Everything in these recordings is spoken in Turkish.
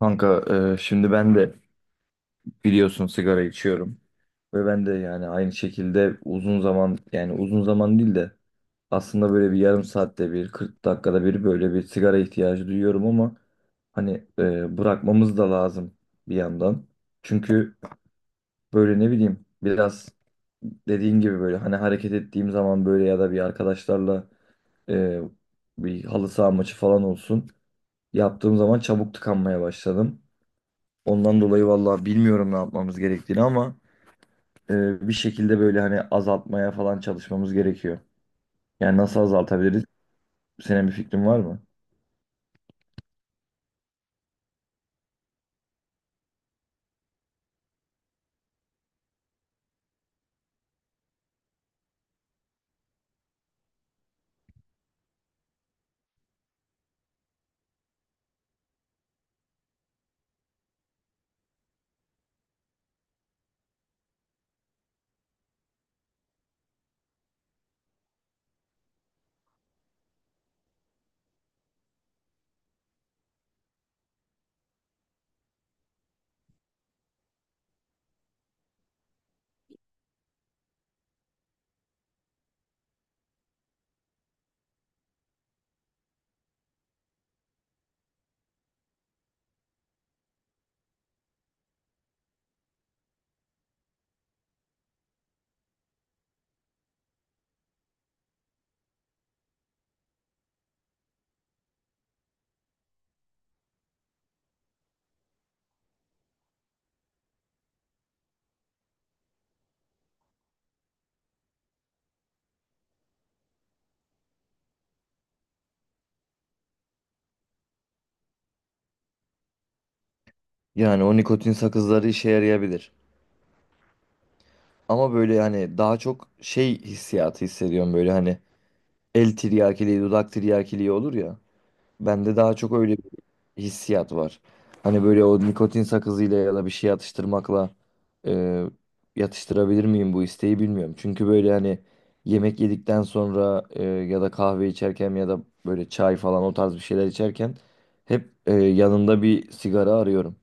Kanka şimdi ben de biliyorsun sigara içiyorum ve ben de yani aynı şekilde uzun zaman değil de aslında böyle bir yarım saatte bir 40 dakikada bir böyle bir sigara ihtiyacı duyuyorum ama hani bırakmamız da lazım bir yandan. Çünkü böyle ne bileyim biraz dediğin gibi böyle hani hareket ettiğim zaman böyle ya da bir arkadaşlarla e, bir halı saha maçı falan olsun yaptığım zaman çabuk tıkanmaya başladım. Ondan dolayı vallahi bilmiyorum ne yapmamız gerektiğini ama bir şekilde böyle hani azaltmaya falan çalışmamız gerekiyor. Yani nasıl azaltabiliriz? Senin bir fikrin var mı? Yani o nikotin sakızları işe yarayabilir. Ama böyle hani daha çok şey hissiyatı hissediyorum böyle hani el tiryakiliği, dudak tiryakiliği olur ya. Bende daha çok öyle bir hissiyat var. Hani böyle o nikotin sakızıyla ya da bir şey atıştırmakla e, yatıştırabilir miyim bu isteği bilmiyorum. Çünkü böyle hani yemek yedikten sonra ya da kahve içerken ya da böyle çay falan o tarz bir şeyler içerken hep yanında bir sigara arıyorum.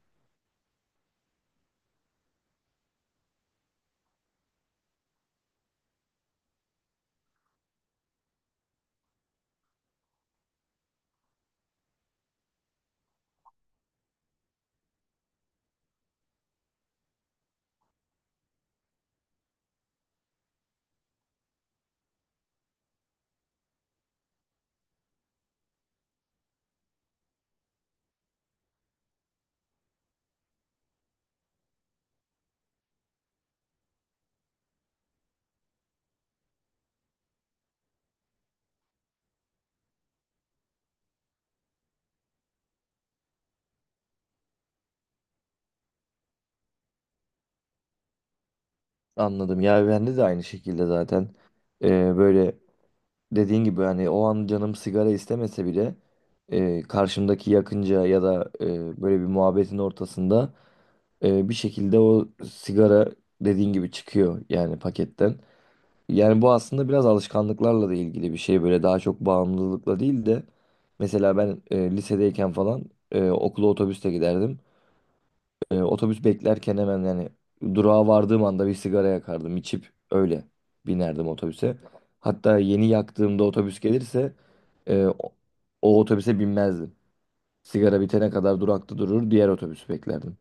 Anladım. Ya bende de aynı şekilde zaten. E, Böyle dediğin gibi hani o an canım sigara istemese bile karşımdaki yakınca ya da böyle bir muhabbetin ortasında bir şekilde o sigara dediğin gibi çıkıyor yani paketten. Yani bu aslında biraz alışkanlıklarla da ilgili bir şey böyle daha çok bağımlılıkla değil de mesela ben lisedeyken falan okula otobüste giderdim. Otobüs beklerken hemen yani durağa vardığım anda bir sigara yakardım içip öyle binerdim otobüse. Hatta yeni yaktığımda otobüs gelirse e, o, o otobüse binmezdim. Sigara bitene kadar durakta durur diğer otobüsü beklerdim.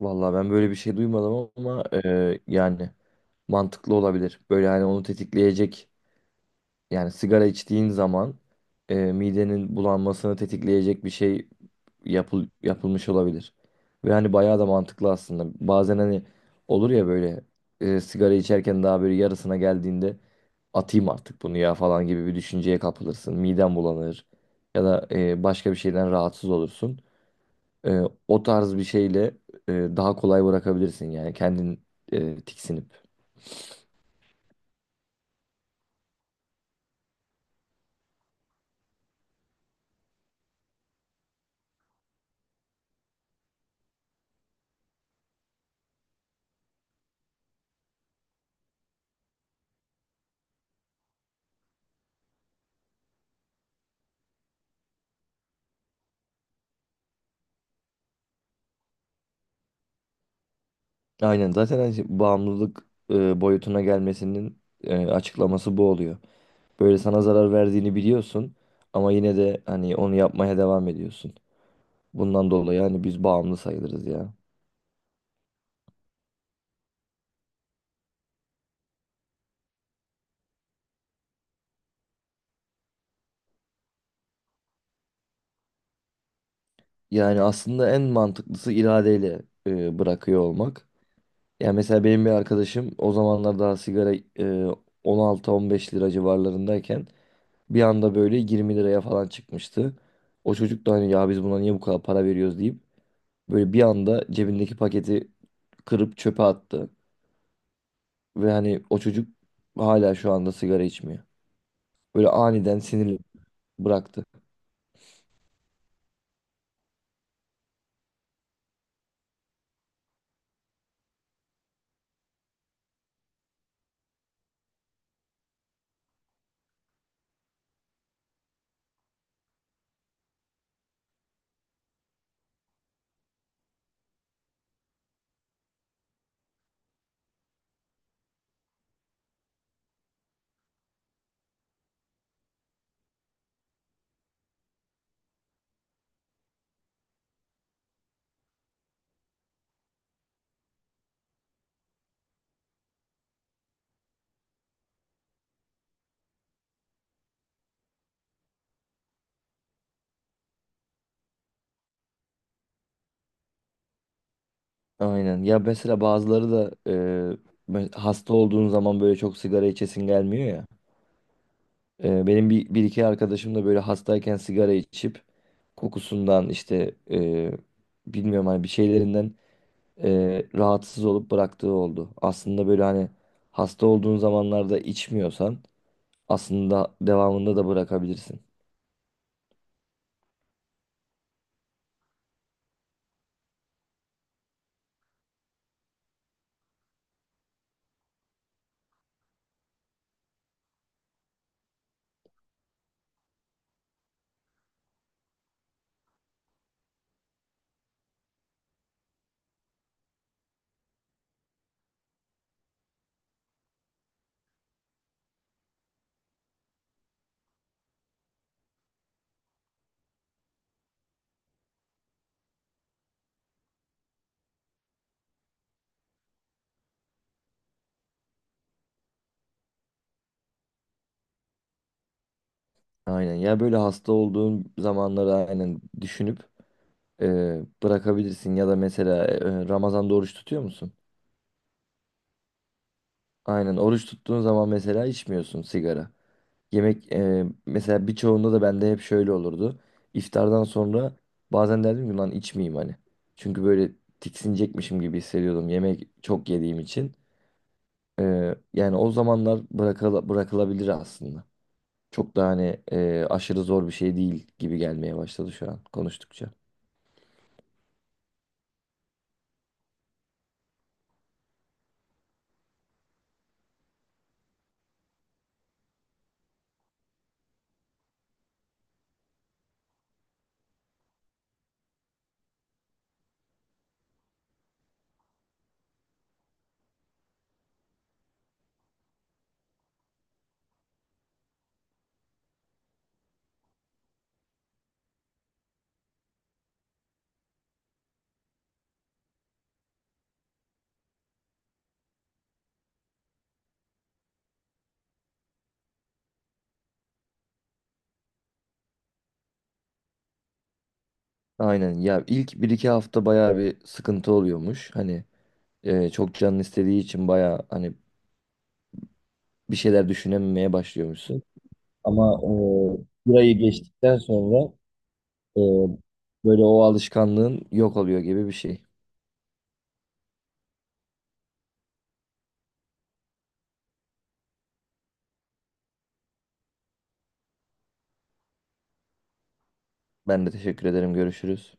Vallahi ben böyle bir şey duymadım ama yani mantıklı olabilir. Böyle hani onu tetikleyecek yani sigara içtiğin zaman midenin bulanmasını tetikleyecek bir şey yapılmış olabilir. Ve hani bayağı da mantıklı aslında. Bazen hani olur ya böyle sigara içerken daha böyle yarısına geldiğinde atayım artık bunu ya falan gibi bir düşünceye kapılırsın. Miden bulanır ya da başka bir şeyden rahatsız olursun. E, O tarz bir şeyle daha kolay bırakabilirsin yani kendin tiksinip. Aynen zaten hani bağımlılık boyutuna gelmesinin açıklaması bu oluyor. Böyle sana zarar verdiğini biliyorsun ama yine de hani onu yapmaya devam ediyorsun. Bundan dolayı hani biz bağımlı sayılırız ya. Yani aslında en mantıklısı iradeyle bırakıyor olmak. Yani mesela benim bir arkadaşım o zamanlar daha sigara 16-15 lira civarlarındayken bir anda böyle 20 liraya falan çıkmıştı. O çocuk da hani ya biz buna niye bu kadar para veriyoruz deyip böyle bir anda cebindeki paketi kırıp çöpe attı. Ve hani o çocuk hala şu anda sigara içmiyor. Böyle aniden sinirli bıraktı. Aynen. Ya mesela bazıları da hasta olduğun zaman böyle çok sigara içesin gelmiyor ya. Benim bir iki arkadaşım da böyle hastayken sigara içip kokusundan işte bilmiyorum hani bir şeylerinden rahatsız olup bıraktığı oldu. Aslında böyle hani hasta olduğun zamanlarda içmiyorsan aslında devamında da bırakabilirsin. Aynen. Ya böyle hasta olduğun zamanları aynen düşünüp bırakabilirsin ya da mesela Ramazan'da oruç tutuyor musun? Aynen oruç tuttuğun zaman mesela içmiyorsun sigara. Yemek mesela birçoğunda da bende hep şöyle olurdu. İftardan sonra bazen derdim ki lan içmeyeyim hani. Çünkü böyle tiksinecekmişim gibi hissediyordum yemek çok yediğim için. Yani o zamanlar bırakılabilir aslında. Çok da hani aşırı zor bir şey değil gibi gelmeye başladı şu an konuştukça. Aynen ya ilk bir iki hafta bayağı bir sıkıntı oluyormuş. Hani çok canın istediği için baya hani bir şeyler düşünememeye başlıyormuşsun. Ama burayı geçtikten sonra e, böyle o alışkanlığın yok oluyor gibi bir şey. Ben de teşekkür ederim. Görüşürüz.